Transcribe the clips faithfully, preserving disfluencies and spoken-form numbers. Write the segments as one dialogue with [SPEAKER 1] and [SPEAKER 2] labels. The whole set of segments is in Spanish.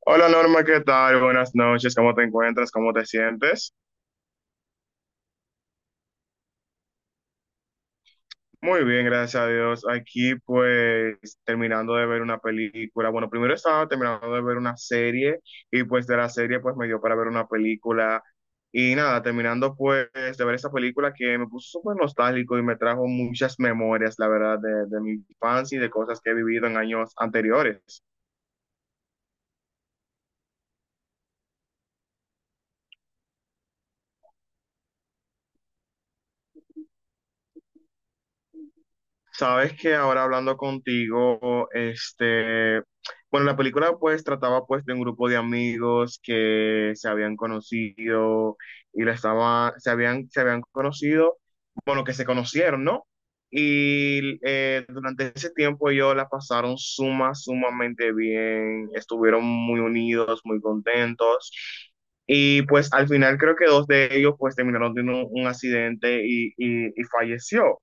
[SPEAKER 1] Hola Norma, ¿qué tal? Buenas noches, ¿cómo te encuentras? ¿Cómo te sientes? Muy bien, gracias a Dios. Aquí pues terminando de ver una película. Bueno, primero estaba terminando de ver una serie y pues de la serie pues me dio para ver una película. Y nada, terminando pues de ver esa película que me puso súper nostálgico y me trajo muchas memorias, la verdad, de, de mi infancia y de cosas que he vivido en años anteriores. Sabes que ahora hablando contigo, este, bueno, la película pues trataba pues de un grupo de amigos que se habían conocido y la estaba, se habían, se habían conocido, bueno, que se conocieron, ¿no? Y eh, durante ese tiempo ellos la pasaron suma, sumamente bien, estuvieron muy unidos, muy contentos. Y pues al final creo que dos de ellos pues terminaron teniendo un, un accidente y, y y falleció.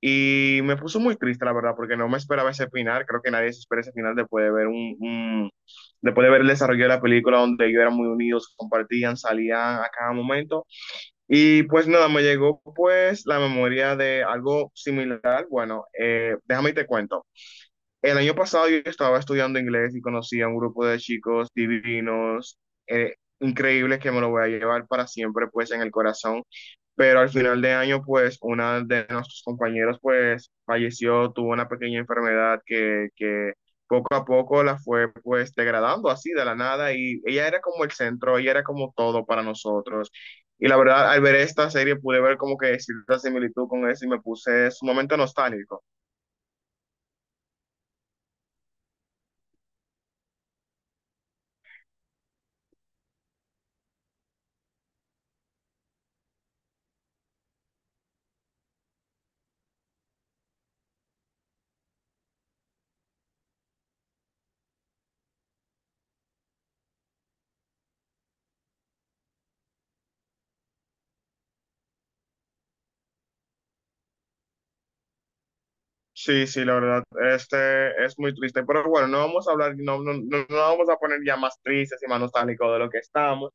[SPEAKER 1] Y me puso muy triste, la verdad, porque no me esperaba ese final. Creo que nadie se espera ese final después de ver un, un- después de ver el desarrollo de la película donde ellos eran muy unidos, compartían, salían a cada momento. Y pues nada, me llegó pues la memoria de algo similar. Bueno, eh, déjame y te cuento. El año pasado yo estaba estudiando inglés y conocí a un grupo de chicos divinos, eh, increíbles que me lo voy a llevar para siempre pues en el corazón, pero al final de año, pues, una de nuestros compañeros, pues, falleció, tuvo una pequeña enfermedad que, que poco a poco la fue, pues, degradando así de la nada y ella era como el centro, ella era como todo para nosotros. Y la verdad, al ver esta serie pude ver como que cierta similitud con eso y me puse sumamente nostálgico. Sí, sí, la verdad, este es muy triste, pero bueno, no vamos a hablar, no, no, no no vamos a poner ya más tristes y más nostálgicos de lo que estamos.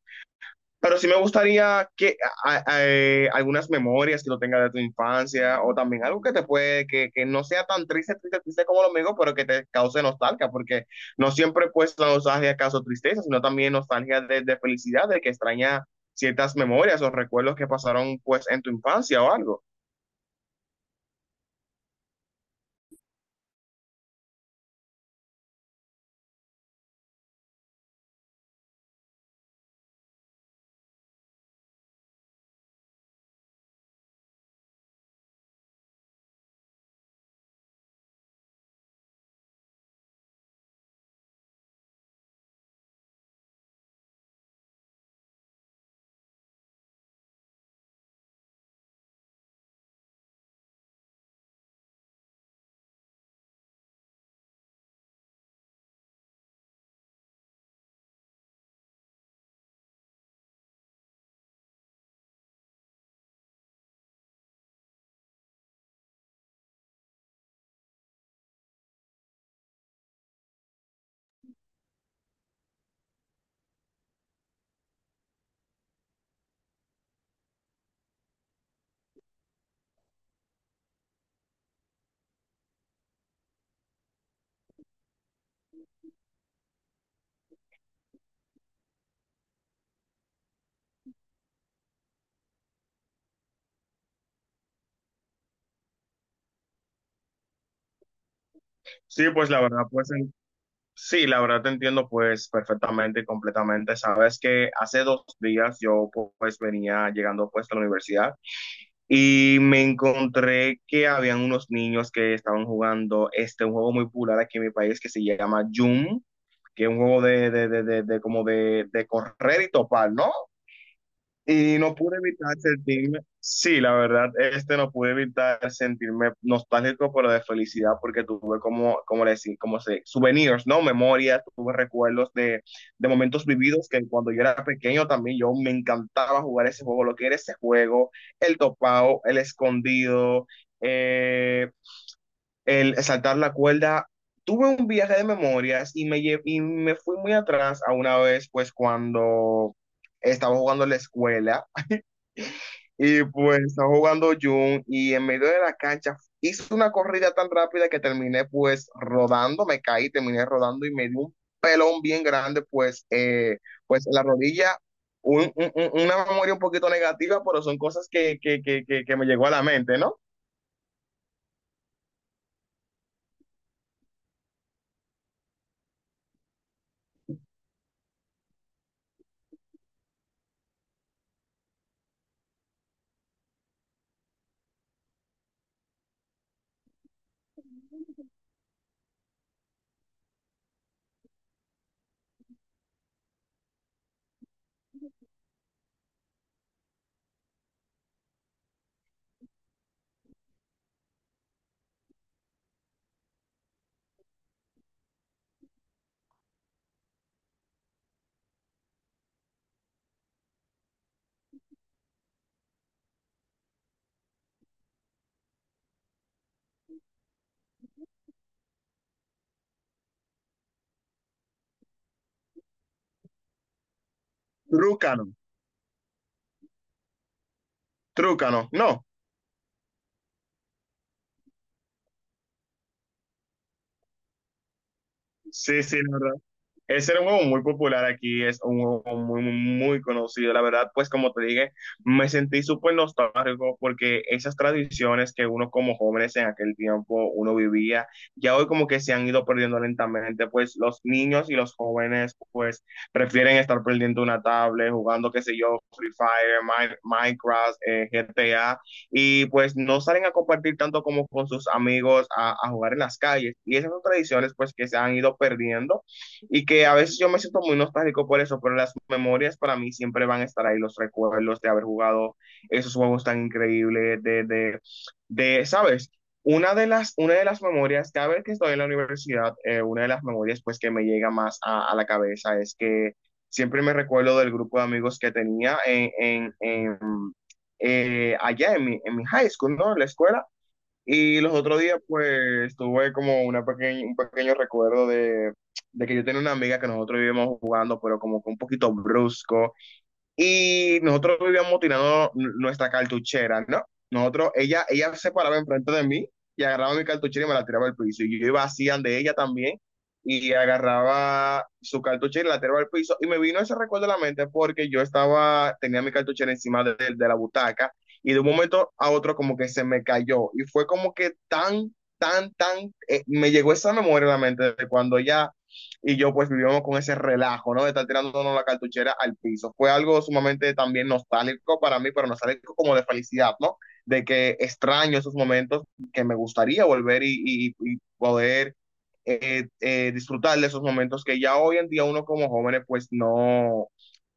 [SPEAKER 1] Pero sí me gustaría que a- a- eh, algunas memorias que lo tengas de tu infancia o también algo que te puede, que, que no sea tan triste, triste, triste como lo mío, pero que te cause nostalgia, porque no siempre pues la nostalgia causa tristeza, sino también nostalgia de, de felicidad, de que extraña ciertas memorias o recuerdos que pasaron pues en tu infancia o algo. Sí, pues la verdad, pues en- sí, la verdad te entiendo pues perfectamente y completamente. Sabes que hace dos días yo pues venía llegando pues a la universidad. Y me encontré que habían unos niños que estaban jugando este, un juego muy popular aquí en mi país que se llama Jum, que es un juego de, de, de, de, de como de, de correr y topar, ¿no? Y no pude evitar sentirme, sí, la verdad, este no pude evitar sentirme nostálgico, pero de felicidad, porque tuve como, como le decía, como se, souvenirs, ¿no? Memorias, tuve recuerdos de, de momentos vividos que cuando yo era pequeño también yo me encantaba jugar ese juego, lo que era ese juego, el topado, el escondido, eh, el saltar la cuerda. Tuve un viaje de memorias y me, lle- y me fui muy atrás a una vez, pues cuando estaba jugando en la escuela y pues está jugando Jun y en medio de la cancha hizo una corrida tan rápida que terminé pues rodando, me caí, terminé rodando y me dio un pelón bien grande pues, eh, pues en la rodilla, un- un- un- una memoria un poquito negativa, pero son cosas que, que, que, que, que me llegó a la mente, ¿no? Trúcano, trúcano, no. Sí, sí, ese era un juego muy popular aquí, es un juego muy, muy, muy conocido. La verdad, pues como te dije, me sentí súper nostálgico porque esas tradiciones que uno como jóvenes en aquel tiempo uno vivía, ya hoy como que se han ido perdiendo lentamente, pues los niños y los jóvenes pues prefieren estar perdiendo una tablet, jugando, qué sé yo, Free Fire, Mi- Minecraft, eh, G T A, y pues no salen a compartir tanto como con sus amigos a, a jugar en las calles. Y esas son tradiciones pues que se han ido perdiendo y que a veces yo me siento muy nostálgico por eso, pero las memorias para mí siempre van a estar ahí, los recuerdos de haber jugado esos juegos tan increíbles, de, de, de ¿sabes? Una de las, una de las memorias, cada vez que estoy en la universidad, eh, una de las memorias pues que me llega más a, a la cabeza es que siempre me recuerdo del grupo de amigos que tenía en, en, en, eh, allá en mi, en mi high school, ¿no? En la escuela. Y los otros días, pues, tuve como una pequeña, un pequeño recuerdo de, de que yo tenía una amiga que nosotros vivíamos jugando, pero como que un poquito brusco. Y nosotros vivíamos tirando nuestra cartuchera, ¿no? Nosotros, ella, ella se paraba enfrente de mí y agarraba mi cartuchera y me la tiraba al piso. Y yo iba así de ella también y agarraba su cartuchera y la tiraba al piso. Y me vino ese recuerdo a la mente porque yo estaba, tenía mi cartuchera encima de, de la butaca y de un momento a otro como que se me cayó. Y fue como que tan, tan, tan, eh, me llegó esa memoria a la mente de cuando ella y yo pues vivíamos con ese relajo, ¿no? De estar tirándonos la cartuchera al piso. Fue algo sumamente también nostálgico para mí, pero nostálgico como de felicidad, ¿no? De que extraño esos momentos que me gustaría volver y, y, y poder eh, eh, disfrutar de esos momentos que ya hoy en día uno como jóvenes pues no,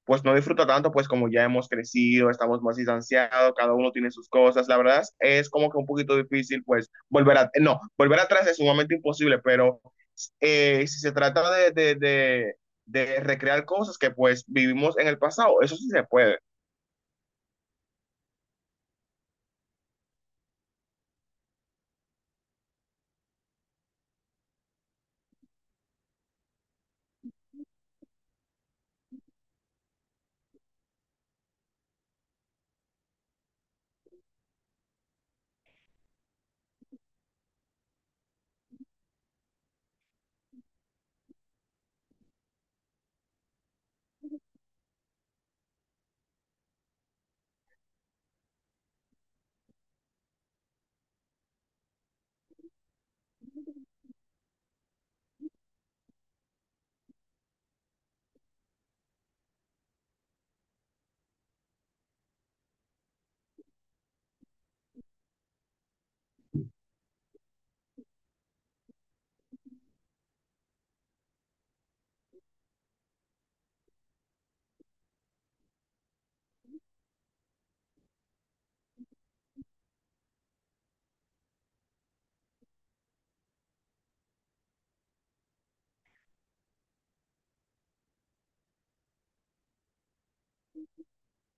[SPEAKER 1] pues no disfruto tanto, pues como ya hemos crecido, estamos más distanciados, cada uno tiene sus cosas, la verdad es, es como que un poquito difícil, pues volver a, no, volver atrás es sumamente imposible, pero eh, si se trata de, de, de, de recrear cosas que pues vivimos en el pasado, eso sí se puede.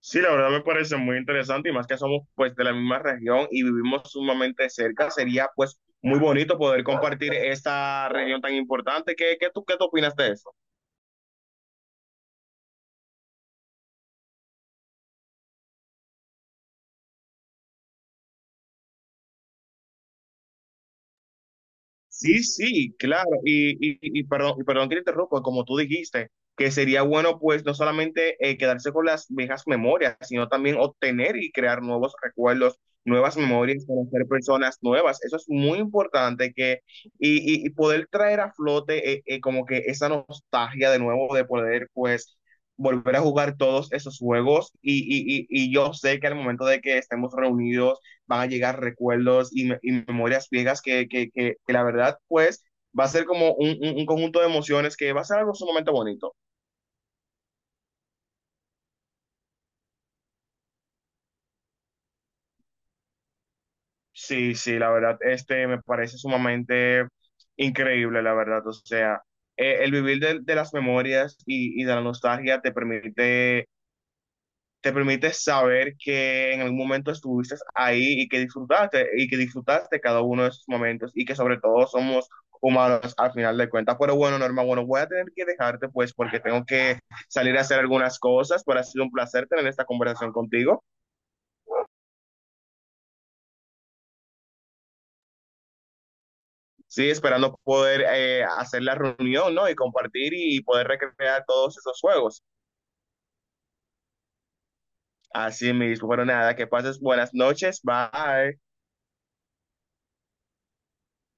[SPEAKER 1] Sí, la verdad me parece muy interesante y más que somos pues de la misma región y vivimos sumamente cerca, sería pues muy bonito poder compartir esta región tan importante. ¿Qué, qué tú, qué tú opinas de eso? Sí, sí, claro. Y, y, y perdón, y perdón que te interrumpa, como tú dijiste, que sería bueno pues no solamente eh, quedarse con las viejas memorias, sino también obtener y crear nuevos recuerdos, nuevas memorias, conocer personas nuevas. Eso es muy importante que, y, y- y poder traer a flote eh, eh, como que esa nostalgia de nuevo de poder pues volver a jugar todos esos juegos. Y, y, y, y yo sé que al momento de que estemos reunidos van a llegar recuerdos y, me, y memorias viejas que, que, que, que, la verdad, pues, va a ser como un, un, un conjunto de emociones que va a ser algo sumamente bonito. Sí, sí, la verdad, este me parece sumamente increíble, la verdad, o sea, eh, el vivir de, de las memorias y, y, de la nostalgia te permite te permite saber que en algún momento estuviste ahí y que disfrutaste, y que disfrutaste cada uno de esos momentos y que sobre todo somos humanos al final de cuentas. Pero bueno, Norma, bueno, voy a tener que dejarte pues porque tengo que salir a hacer algunas cosas, pero ha sido un placer tener esta conversación contigo. Sí, esperando poder eh, hacer la reunión, ¿no? Y compartir y poder recrear todos esos juegos. Así mismo, pero nada, que pases buenas noches, bye.